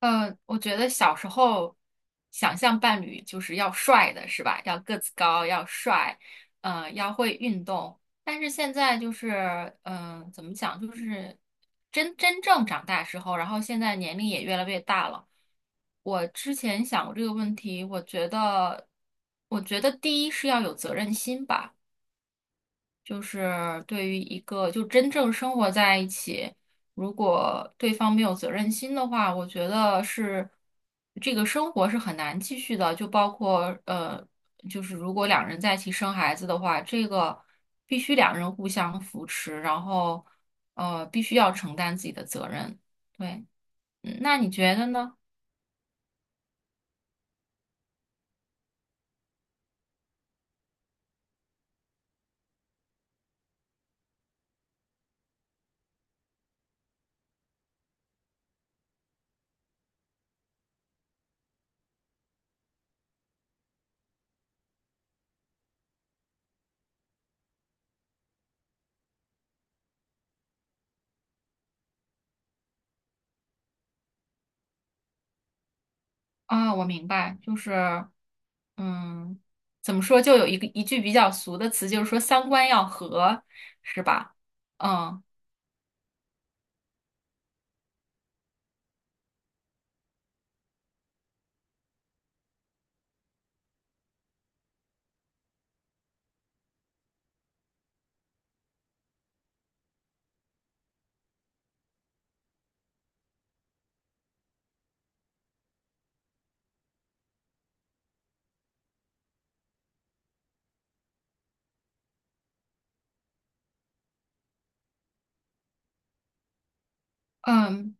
嗯，我觉得小时候想象伴侣就是要帅的，是吧？要个子高，要帅，要会运动。但是现在就是，怎么讲，就是真正长大之后，然后现在年龄也越来越大了。我之前想过这个问题，我觉得，我觉得第一是要有责任心吧。就是对于一个就真正生活在一起，如果对方没有责任心的话，我觉得是这个生活是很难继续的。就包括就是如果两人在一起生孩子的话，这个必须两人互相扶持，然后必须要承担自己的责任。对，那你觉得呢？啊，我明白，就是，嗯，怎么说，就有一句比较俗的词，就是说三观要合，是吧？嗯嗯，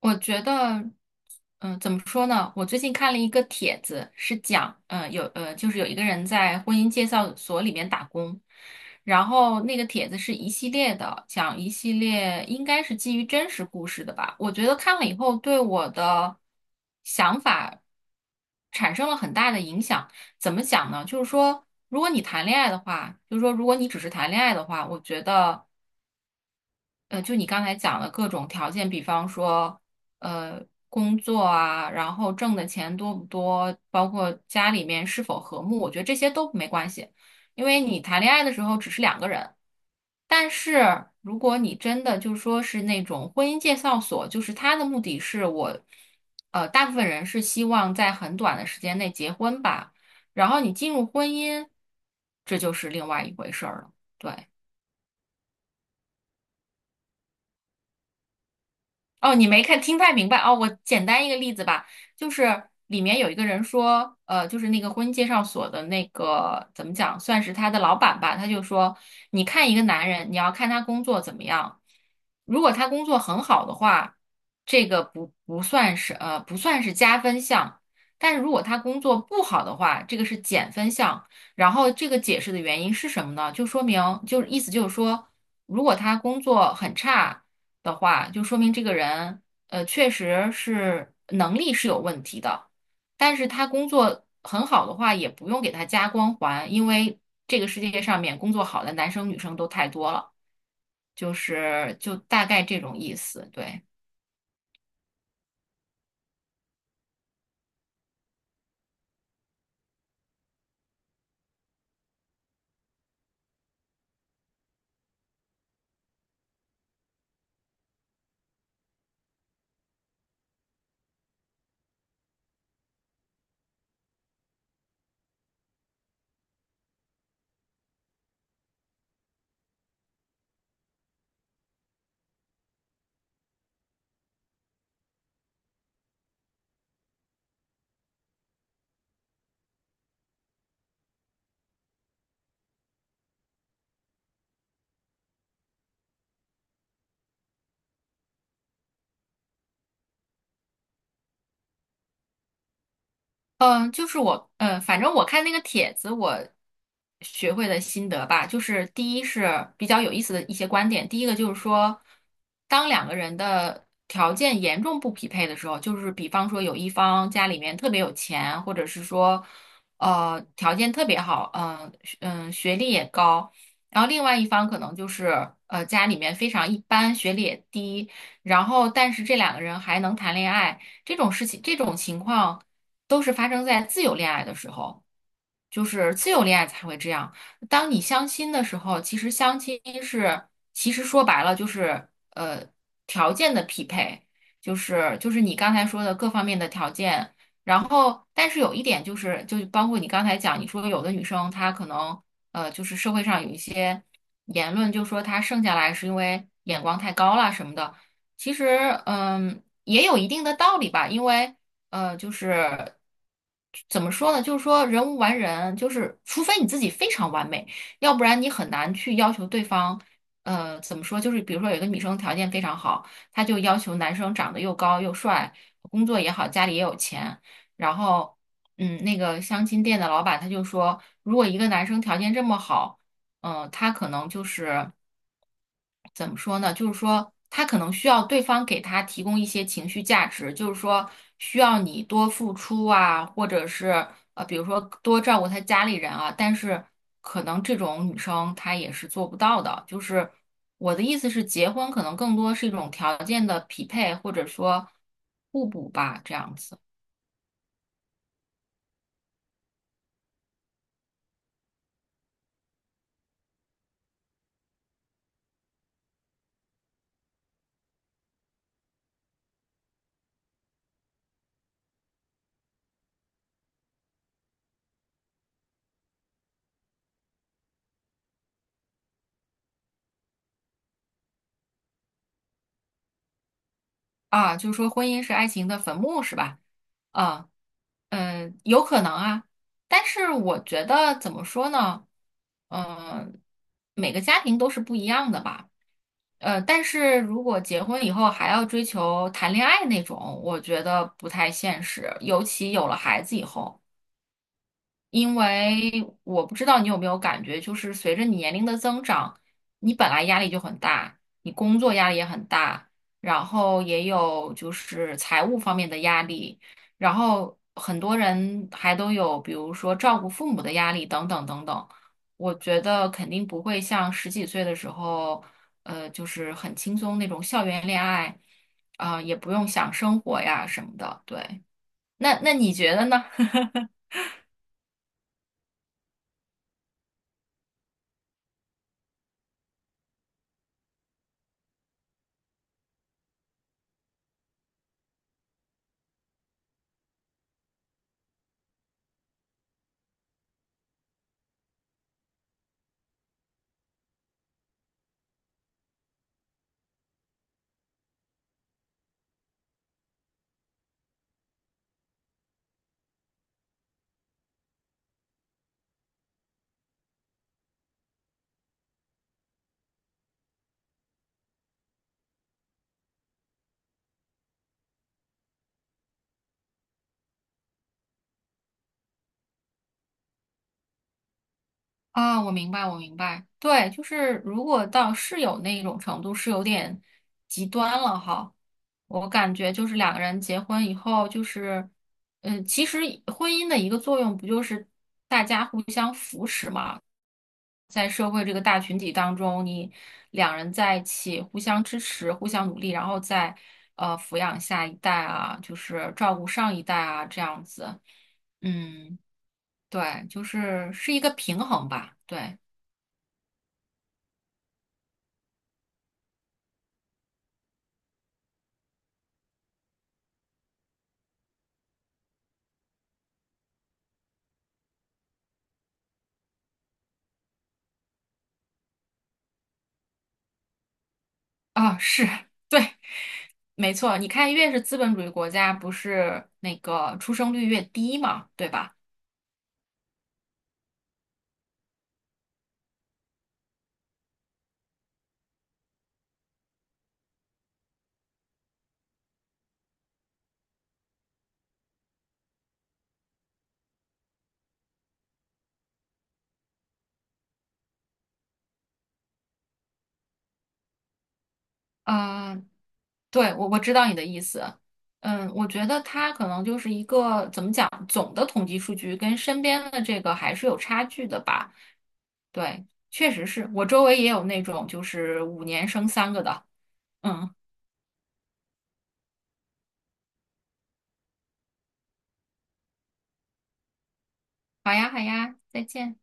我觉得，怎么说呢？我最近看了一个帖子，是讲，就是有一个人在婚姻介绍所里面打工，然后那个帖子是一系列的，讲一系列应该是基于真实故事的吧。我觉得看了以后对我的想法产生了很大的影响。怎么讲呢？就是说，如果你谈恋爱的话，就是说，如果你只是谈恋爱的话，我觉得。就你刚才讲的各种条件，比方说，呃，工作啊，然后挣的钱多不多，包括家里面是否和睦，我觉得这些都没关系，因为你谈恋爱的时候只是两个人。但是如果你真的就说是那种婚姻介绍所，就是他的目的是我，大部分人是希望在很短的时间内结婚吧，然后你进入婚姻，这就是另外一回事儿了。对。哦，你没看听太明白哦。我简单一个例子吧，就是里面有一个人说，就是那个婚姻介绍所的那个怎么讲，算是他的老板吧，他就说，你看一个男人，你要看他工作怎么样，如果他工作很好的话，这个不算是加分项，但是如果他工作不好的话，这个是减分项。然后这个解释的原因是什么呢？就说明就是意思就是说，如果他工作很差。的话，就说明这个人确实是能力是有问题的。但是他工作很好的话，也不用给他加光环，因为这个世界上面工作好的男生女生都太多了，就是就大概这种意思，对。嗯，就是我，反正我看那个帖子，我学会的心得吧，就是第一是比较有意思的一些观点，第一个就是说，当两个人的条件严重不匹配的时候，就是比方说有一方家里面特别有钱，或者是说，条件特别好，学历也高，然后另外一方可能就是家里面非常一般，学历也低，然后但是这两个人还能谈恋爱，这种事情，这种情况。都是发生在自由恋爱的时候，就是自由恋爱才会这样。当你相亲的时候，其实相亲是，其实说白了就是条件的匹配，就是你刚才说的各方面的条件。然后，但是有一点就是，就包括你刚才讲，你说有的女生她可能就是社会上有一些言论，就说她剩下来是因为眼光太高了什么的。其实，也有一定的道理吧，因为。就是怎么说呢？就是说人无完人，就是除非你自己非常完美，要不然你很难去要求对方。怎么说？就是比如说有一个女生条件非常好，她就要求男生长得又高又帅，工作也好，家里也有钱。然后，那个相亲店的老板他就说，如果一个男生条件这么好，他可能就是。怎么说呢？就是说，他可能需要对方给他提供一些情绪价值，就是说需要你多付出啊，或者是比如说多照顾他家里人啊。但是可能这种女生她也是做不到的。就是我的意思是，结婚可能更多是一种条件的匹配，或者说互补吧，这样子啊，就是说婚姻是爱情的坟墓，是吧？啊。有可能啊，但是我觉得怎么说呢？嗯，每个家庭都是不一样的吧。但是如果结婚以后还要追求谈恋爱那种，我觉得不太现实，尤其有了孩子以后。因为我不知道你有没有感觉，就是随着你年龄的增长，你本来压力就很大，你工作压力也很大，然后也有就是财务方面的压力，然后很多人还都有，比如说照顾父母的压力等等等等。我觉得肯定不会像十几岁的时候，就是很轻松那种校园恋爱，也不用想生活呀什么的。对，那你觉得呢？啊，我明白，我明白。对，就是如果到室友那种程度，是有点极端了哈。我感觉就是两个人结婚以后，就是，其实婚姻的一个作用不就是大家互相扶持嘛？在社会这个大群体当中，你两人在一起互相支持、互相努力，然后再抚养下一代啊，就是照顾上一代啊，这样子。嗯，对，就是是一个平衡吧，对。啊，是，对，没错。你看，越是资本主义国家，不是那个出生率越低嘛，对吧？嗯，对，我我知道你的意思。我觉得它可能就是一个怎么讲，总的统计数据跟身边的这个还是有差距的吧。对，确实是我周围也有那种就是5年生3个的。嗯，好呀，好呀，再见。